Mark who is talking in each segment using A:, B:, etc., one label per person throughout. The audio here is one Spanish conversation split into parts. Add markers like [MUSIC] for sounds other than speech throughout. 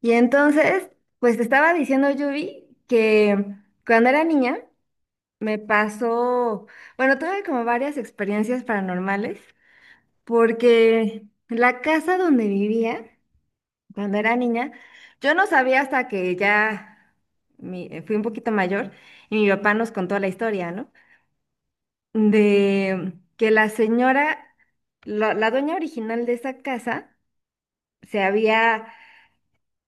A: Y entonces, pues te estaba diciendo, Yubi, que cuando era niña me pasó, bueno, tuve como varias experiencias paranormales, porque la casa donde vivía cuando era niña, yo no sabía hasta que ya fui un poquito mayor y mi papá nos contó la historia, ¿no? De que la señora, la dueña original de esa casa, se había,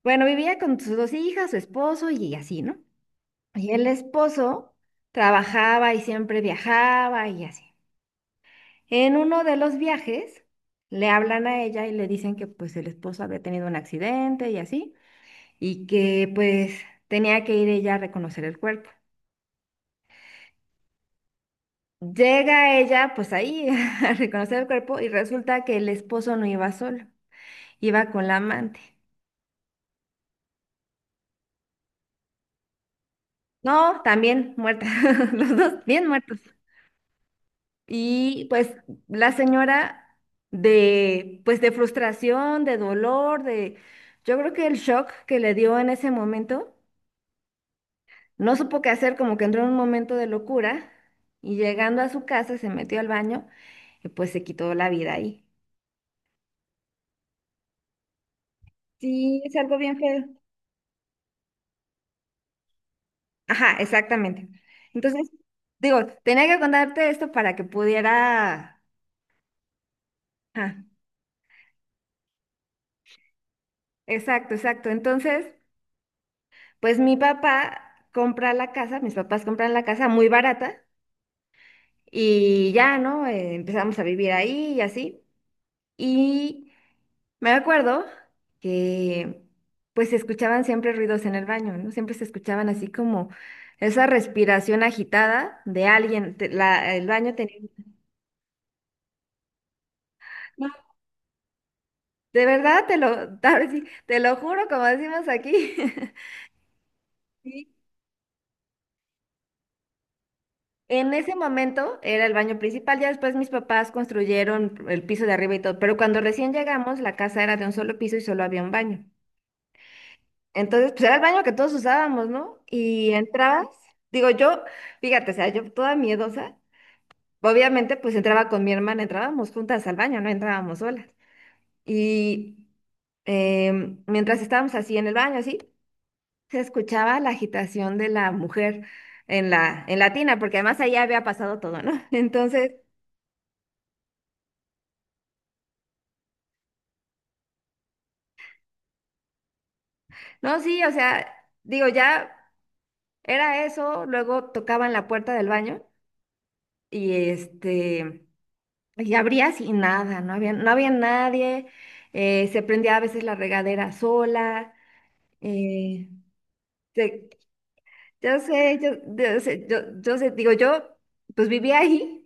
A: bueno, vivía con sus dos hijas, su esposo y así, ¿no? Y el esposo trabajaba y siempre viajaba y así. En uno de los viajes le hablan a ella y le dicen que pues el esposo había tenido un accidente y así, y que pues tenía que ir ella a reconocer el cuerpo. Llega ella pues ahí [LAUGHS] a reconocer el cuerpo y resulta que el esposo no iba solo, iba con la amante. No, también muerta, [LAUGHS] los dos bien muertos. Y pues la señora de, pues de frustración, de dolor, de, yo creo que el shock que le dio en ese momento, no supo qué hacer, como que entró en un momento de locura y llegando a su casa se metió al baño y pues se quitó la vida ahí. Sí, es algo bien feo. Ajá, exactamente. Entonces, digo, tenía que contarte esto para que pudiera... Ajá, exacto, exacto. Entonces... Pues mi papá compra la casa, mis papás compran la casa muy barata y ya, ¿no? Empezamos a vivir ahí y así. Y me acuerdo que pues se escuchaban siempre ruidos en el baño, ¿no? Siempre se escuchaban así como esa respiración agitada de alguien. El baño tenía... No, de verdad, te lo, [LAUGHS] ahora sí, te lo juro, como decimos aquí. [LAUGHS] En ese momento era el baño principal, ya después mis papás construyeron el piso de arriba y todo, pero cuando recién llegamos la casa era de un solo piso y solo había un baño. Entonces, pues era el baño que todos usábamos, ¿no? Y entrabas, digo yo, fíjate, o sea, yo toda miedosa, obviamente pues entraba con mi hermana, entrábamos juntas al baño, no entrábamos solas. Y mientras estábamos así en el baño, así, se escuchaba la agitación de la mujer en la tina, porque además ahí había pasado todo, ¿no? [LAUGHS] Entonces... No, sí, o sea, digo, ya era eso, luego tocaban la puerta del baño y y abrías y nada, no había nadie, se prendía a veces la regadera sola, eh, se- yo sé, digo, yo pues vivía ahí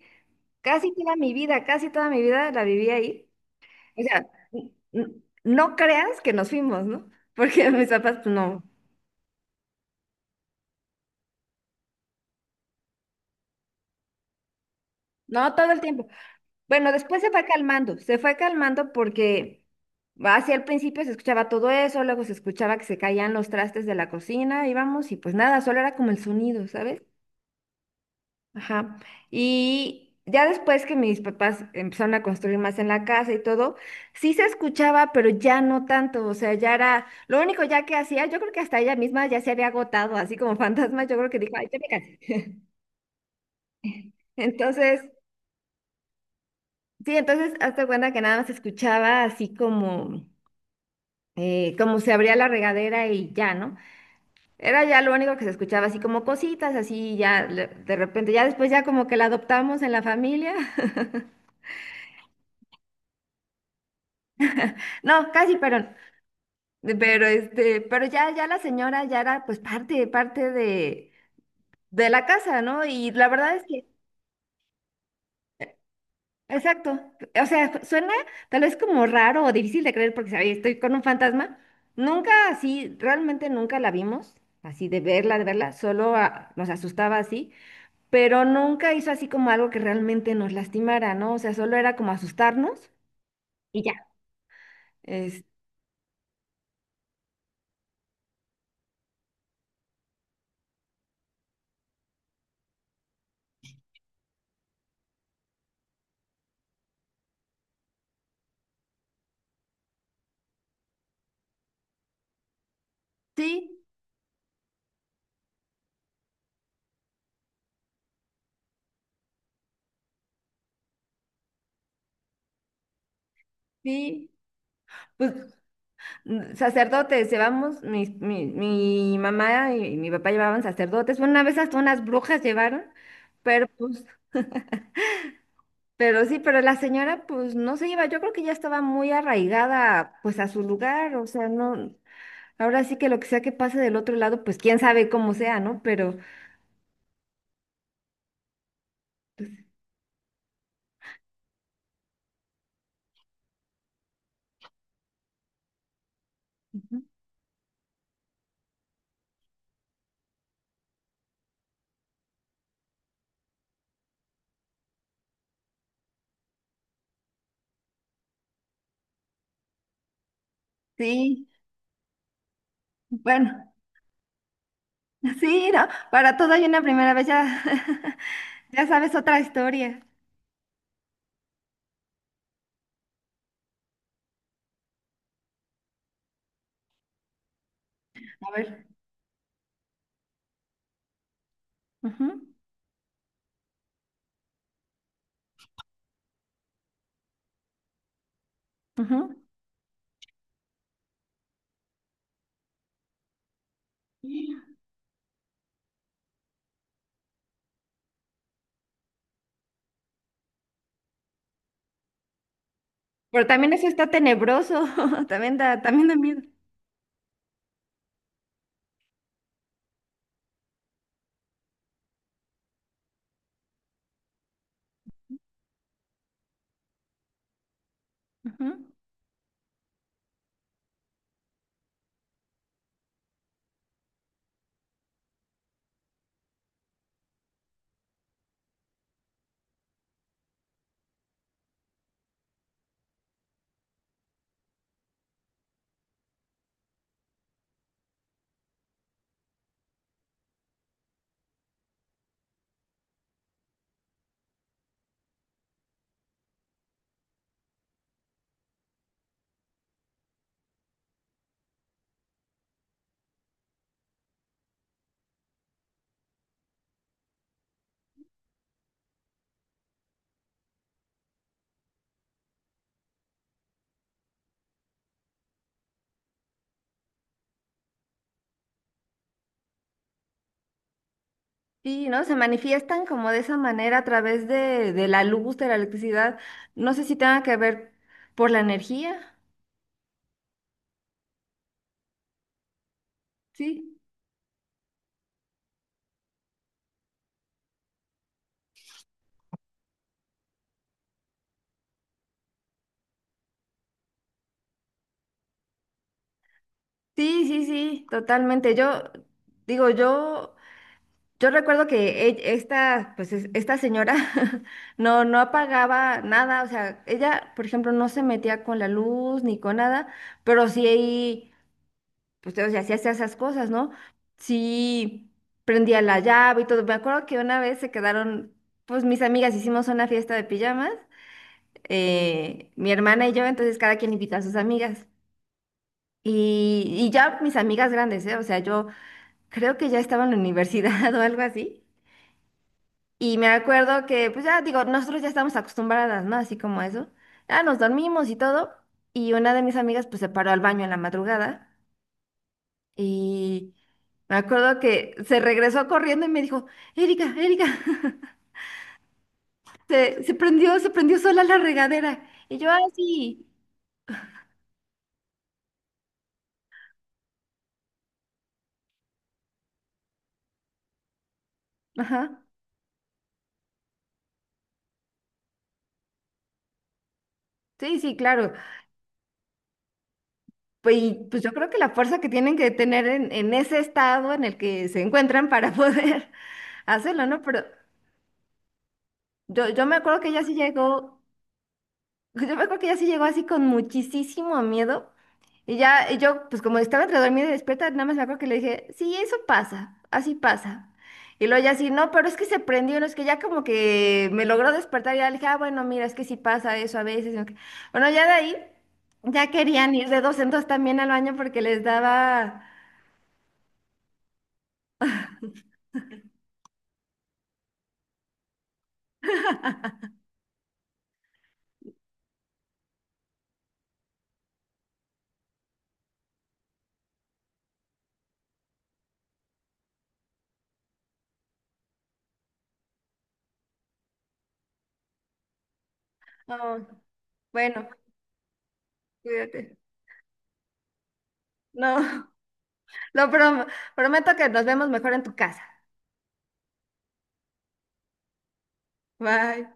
A: casi toda mi vida, casi toda mi vida la viví ahí. O sea, no creas que nos fuimos, ¿no? [LAUGHS] Porque mis papás, pues no, no todo el tiempo. Bueno, después se fue calmando porque hacia el principio se escuchaba todo eso, luego se escuchaba que se caían los trastes de la cocina, íbamos y pues nada, solo era como el sonido, ¿sabes? Ajá. Y ya después que mis papás empezaron a construir más en la casa y todo, sí se escuchaba, pero ya no tanto, o sea, ya era, lo único ya que hacía, yo creo que hasta ella misma ya se había agotado, así como [LAUGHS] fantasma, yo creo que dijo, ay, ya me cansé". [LAUGHS] Entonces, sí, entonces hazte cuenta que nada más se escuchaba así como como se abría la regadera y ya, ¿no? Era ya lo único que se escuchaba, así como cositas, así ya de repente, ya después ya como que la adoptamos en la familia. [LAUGHS] No, casi, pero este, pero ya, ya la señora ya era pues parte, parte de la casa, ¿no? Y la verdad es que, exacto, o sea, suena tal vez como raro o difícil de creer porque, ¿sabes? Estoy con un fantasma. Nunca así, realmente nunca la vimos, así de verla, solo ah, nos asustaba así. Pero nunca hizo así como algo que realmente nos lastimara, ¿no? O sea, solo era como asustarnos y ya. Es, sí, sí. Pues sacerdotes, llevamos, mi, mi mamá y mi papá llevaban sacerdotes. Bueno, una vez hasta unas brujas llevaron, pero pues, pero sí, pero la señora pues no se iba. Yo creo que ya estaba muy arraigada pues a su lugar, o sea, no, ahora sí que lo que sea que pase del otro lado, pues quién sabe cómo sea, ¿no? Pero ujú. Sí, bueno. Sí, no, para todo hay una primera vez, ya, [LAUGHS] ya sabes otra historia. A ver. Ujú, ujú. Pero también eso está tenebroso, [LAUGHS] también da miedo. Ujú. Sí, ¿no? Se manifiestan como de esa manera a través de la luz, de la electricidad. No sé si tenga que ver por la energía. Sí. Sí, sí, sí, totalmente. Yo recuerdo que esta, pues esta señora [LAUGHS] no, no apagaba nada, o sea, ella, por ejemplo, no se metía con la luz ni con nada, pero sí, ahí, pues, o sea, sí hacía esas cosas, ¿no? Sí prendía la llave y todo. Me acuerdo que una vez se quedaron, pues mis amigas hicimos una fiesta de pijamas, mi hermana y yo, entonces cada quien invita a sus amigas. Y ya mis amigas grandes, ¿eh? O sea, yo creo que ya estaba en la universidad [LAUGHS] o algo así. Y me acuerdo que, pues ya digo, nosotros ya estamos acostumbradas, ¿no? Así como eso. Ya nos dormimos y todo. Y una de mis amigas, pues se paró al baño en la madrugada. Y me acuerdo que se regresó corriendo y me dijo, Erika, Erika, [LAUGHS] se prendió sola la regadera. Y yo, ah, sí. Ajá. Sí, sí, claro. Pues, y, pues yo creo que la fuerza que tienen que tener en ese estado en el que se encuentran para poder [LAUGHS] hacerlo, ¿no? Pero yo me acuerdo que ella sí llegó. Pues, yo me acuerdo que ella sí llegó así con muchísimo miedo. Y ya, y yo, pues como estaba entre dormida y despierta, nada más me acuerdo que le dije, sí, eso pasa, así pasa. Y luego ya así, no, pero es que se prendió, no es que ya como que me logró despertar y ya le dije, ah, bueno, mira, es que sí pasa eso a veces. ¿No? Bueno, ya de ahí, ya querían ir de dos en dos también al baño porque les daba, "Oh, bueno, cuídate. No, [LAUGHS] lo prom- prometo que nos vemos mejor en tu casa. Bye.